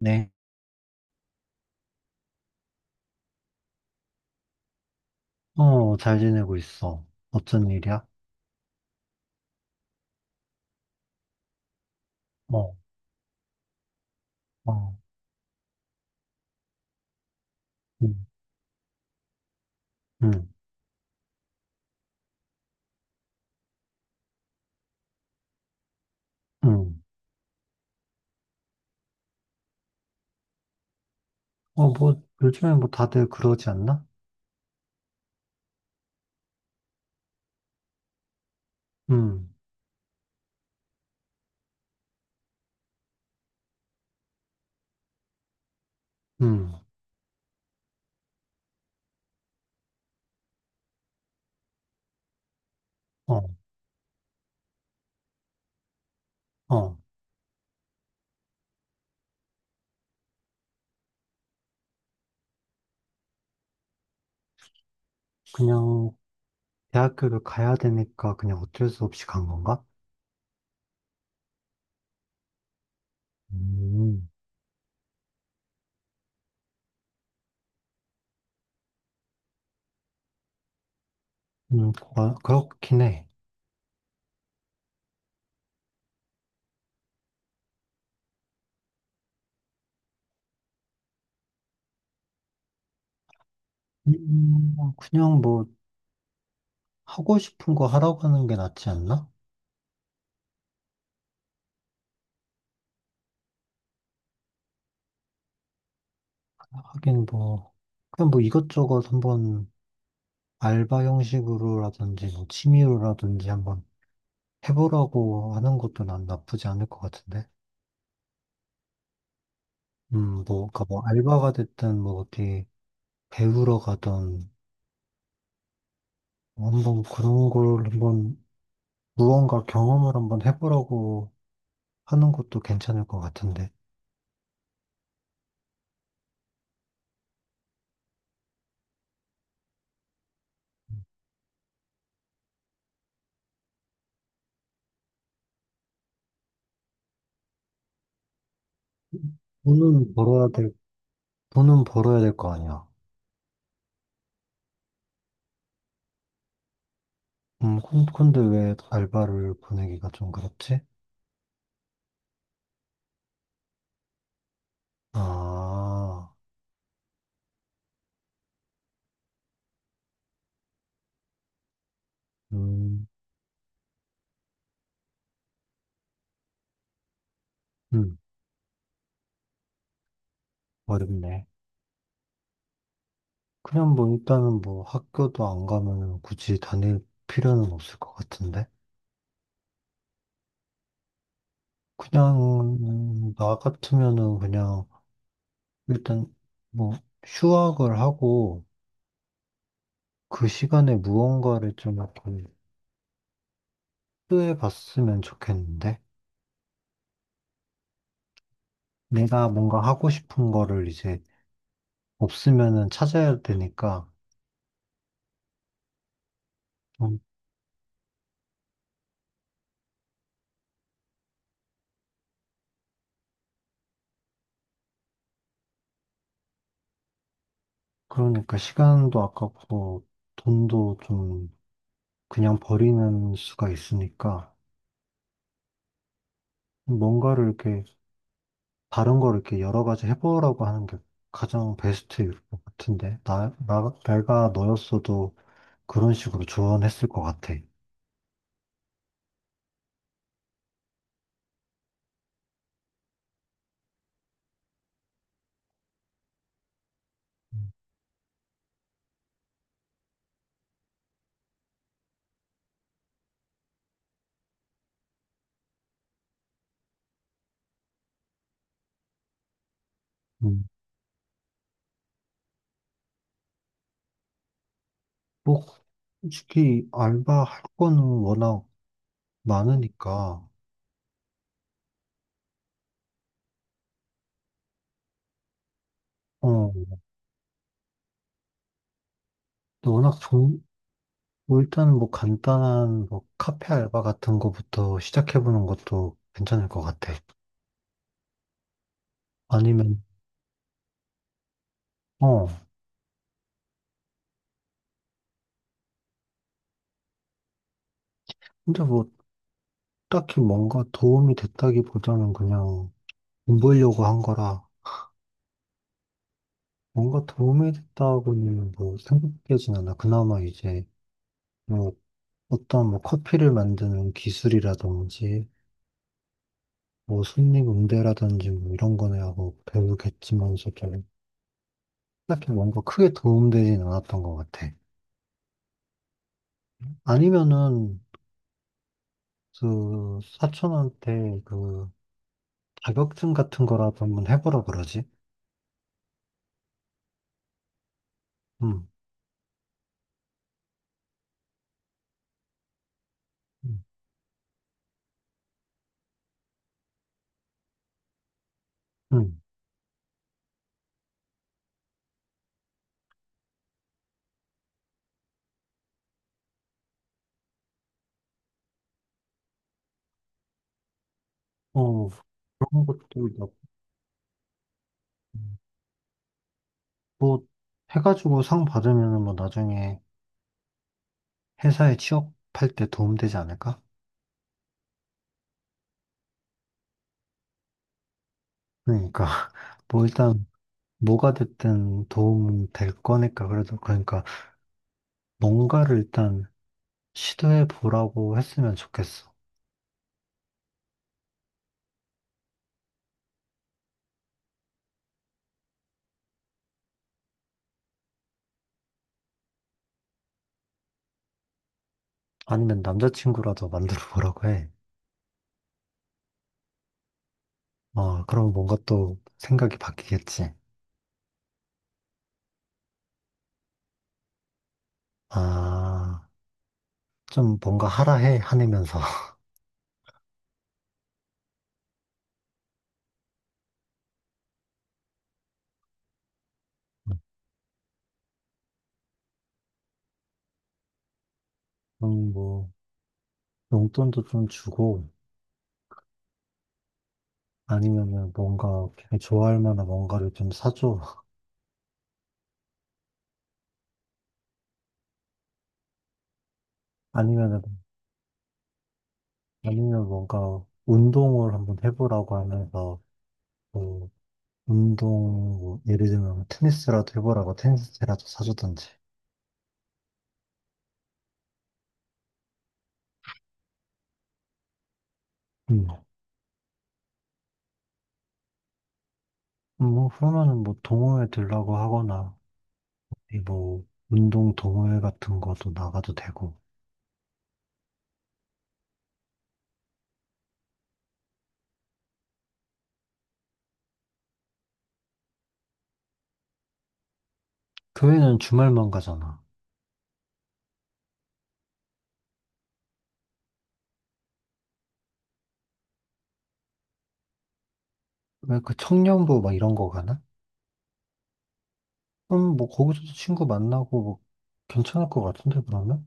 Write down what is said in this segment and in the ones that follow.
네. 어, 잘 지내고 있어. 어쩐 일이야? 어, 어, 음, 음, 음. 어, 뭐, 요즘에 뭐 다들 그러지 않나? 음, 음, 어, 어. 그냥 대학교를 가야 되니까 그냥 어쩔 수 없이 간 건가? 음, 음, 어, 그렇긴 해. 그냥 뭐, 하고 싶은 거 하라고 하는 게 낫지 않나? 하긴 뭐, 그냥 뭐 이것저것 한번 알바 형식으로라든지 뭐 취미로라든지 한번 해보라고 하는 것도 난 나쁘지 않을 것 같은데. 뭐, 그니까 뭐, 알바가 됐든, 뭐, 어디 배우러 가든, 한번 그런 걸 한번, 무언가 경험을 한번 해보라고 하는 것도 괜찮을 것 같은데. 돈은 벌어야 될, 돈은 벌어야 될 거 아니야. 근데 왜 알바를 보내기가 좀 그렇지? 아, 음, 음, 어렵네. 그냥 뭐, 일단은 뭐, 학교도 안 가면 굳이 다닐 필요는 없을 것 같은데. 그냥 나 같으면은 그냥 일단 뭐 휴학을 하고 그 시간에 무언가를 좀 약간 시도해 봤으면 좋겠는데 내가 뭔가 하고 싶은 거를 이제 없으면은 찾아야 되니까 좀 그러니까 시간도 아깝고 돈도 좀 그냥 버리는 수가 있으니까 뭔가를 이렇게 다른 걸 이렇게 여러 가지 해보라고 하는 게 가장 베스트일 것 같은데 내가 너였어도 그런 식으로 조언했을 것 같아. 음, 뭐, 솔직히 알바할 거는 워낙 많으니까, 어, 또 워낙 뭐 일단 뭐 간단한 뭐 카페 알바 같은 거부터 시작해보는 것도 괜찮을 것 같아. 아니면, 어, 근데 뭐 딱히 뭔가 도움이 됐다기보다는 그냥 돈 벌려고 한 거라, 뭔가 도움이 됐다고는 뭐 생각되진 않아. 그나마 이제 뭐 어떤 뭐 커피를 만드는 기술이라든지 뭐 승립 응대라든지 뭐 이런 거네 하고 배우겠지만서도 딱히 뭔가 크게 도움되진 않았던 것 같아. 아니면은 그 사촌한테 그 자격증 같은 거라도 한번 해보라 그러지? 응, 응, 응. 어, 그런 것도 나- 뭐 해가지고 상 받으면은 뭐 나중에 회사에 취업할 때 도움되지 않을까? 그러니까 뭐 일단 뭐가 됐든 도움 될 거니까 그래도 그러니까 뭔가를 일단 시도해 보라고 했으면 좋겠어. 아니면 남자친구라도 만들어 보라고 해. 어, 그럼 뭔가 또 생각이 바뀌겠지. 아, 좀 뭔가 하라 해, 화내면서. 뭐, 용돈도 좀 주고, 아니면은 뭔가 걔 좋아할 만한 뭔가를 좀 사줘. 아니면은, 아니면 뭔가 운동을 한번 해보라고 하면서, 뭐, 운동, 뭐 예를 들면 테니스라도 해보라고 테니스채라도 사주던지. 음. 뭐, 그러면은 뭐 동호회 들라고 하거나, 이 뭐, 운동 동호회 같은 것도 나가도 되고. 교회는 주말만 가잖아. 왜 그 청년부 막 이런 거 가나? 뭐, 거기서도 친구 만나고 뭐, 괜찮을 것 같은데, 그러면?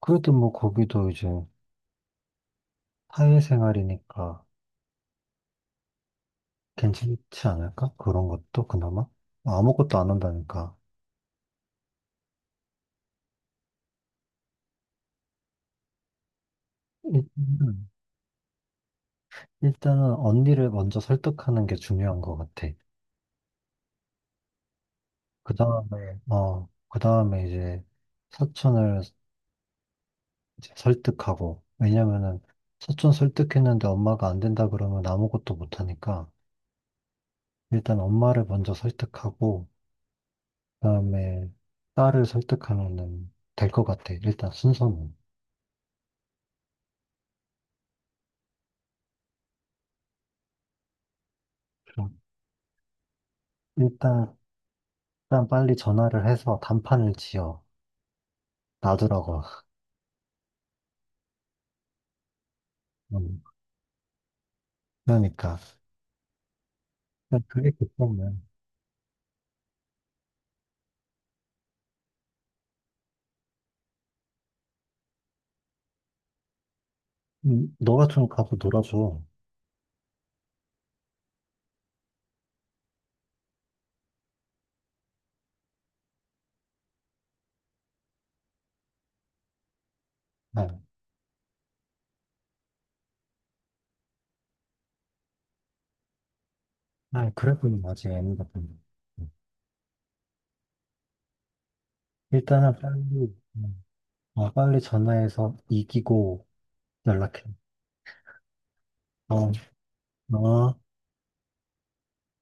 그래도 뭐, 거기도 이제 사회생활이니까 괜찮지 않을까? 그런 것도 그나마? 아무것도 안 한다니까. 일단은, 일단은 언니를 먼저 설득하는 게 중요한 것 같아. 그 다음에 이제, 사촌을 이제 설득하고. 왜냐면은 사촌 설득했는데 엄마가 안 된다 그러면 아무것도 못 하니까 일단 엄마를 먼저 설득하고 그다음에 딸을 설득하면은 될 것 같아. 일단 순서는. 음. 일단 일단 빨리 전화를 해서 단판을 지어 놔두라고. 음, 그러니까 그냥 그게 급하면 너가 좀 가서 놀아줘. 아, 아 그래 보면 아직 애는 같은데. 일단은 빨리 전화해서 이기고 연락해. 어, 어.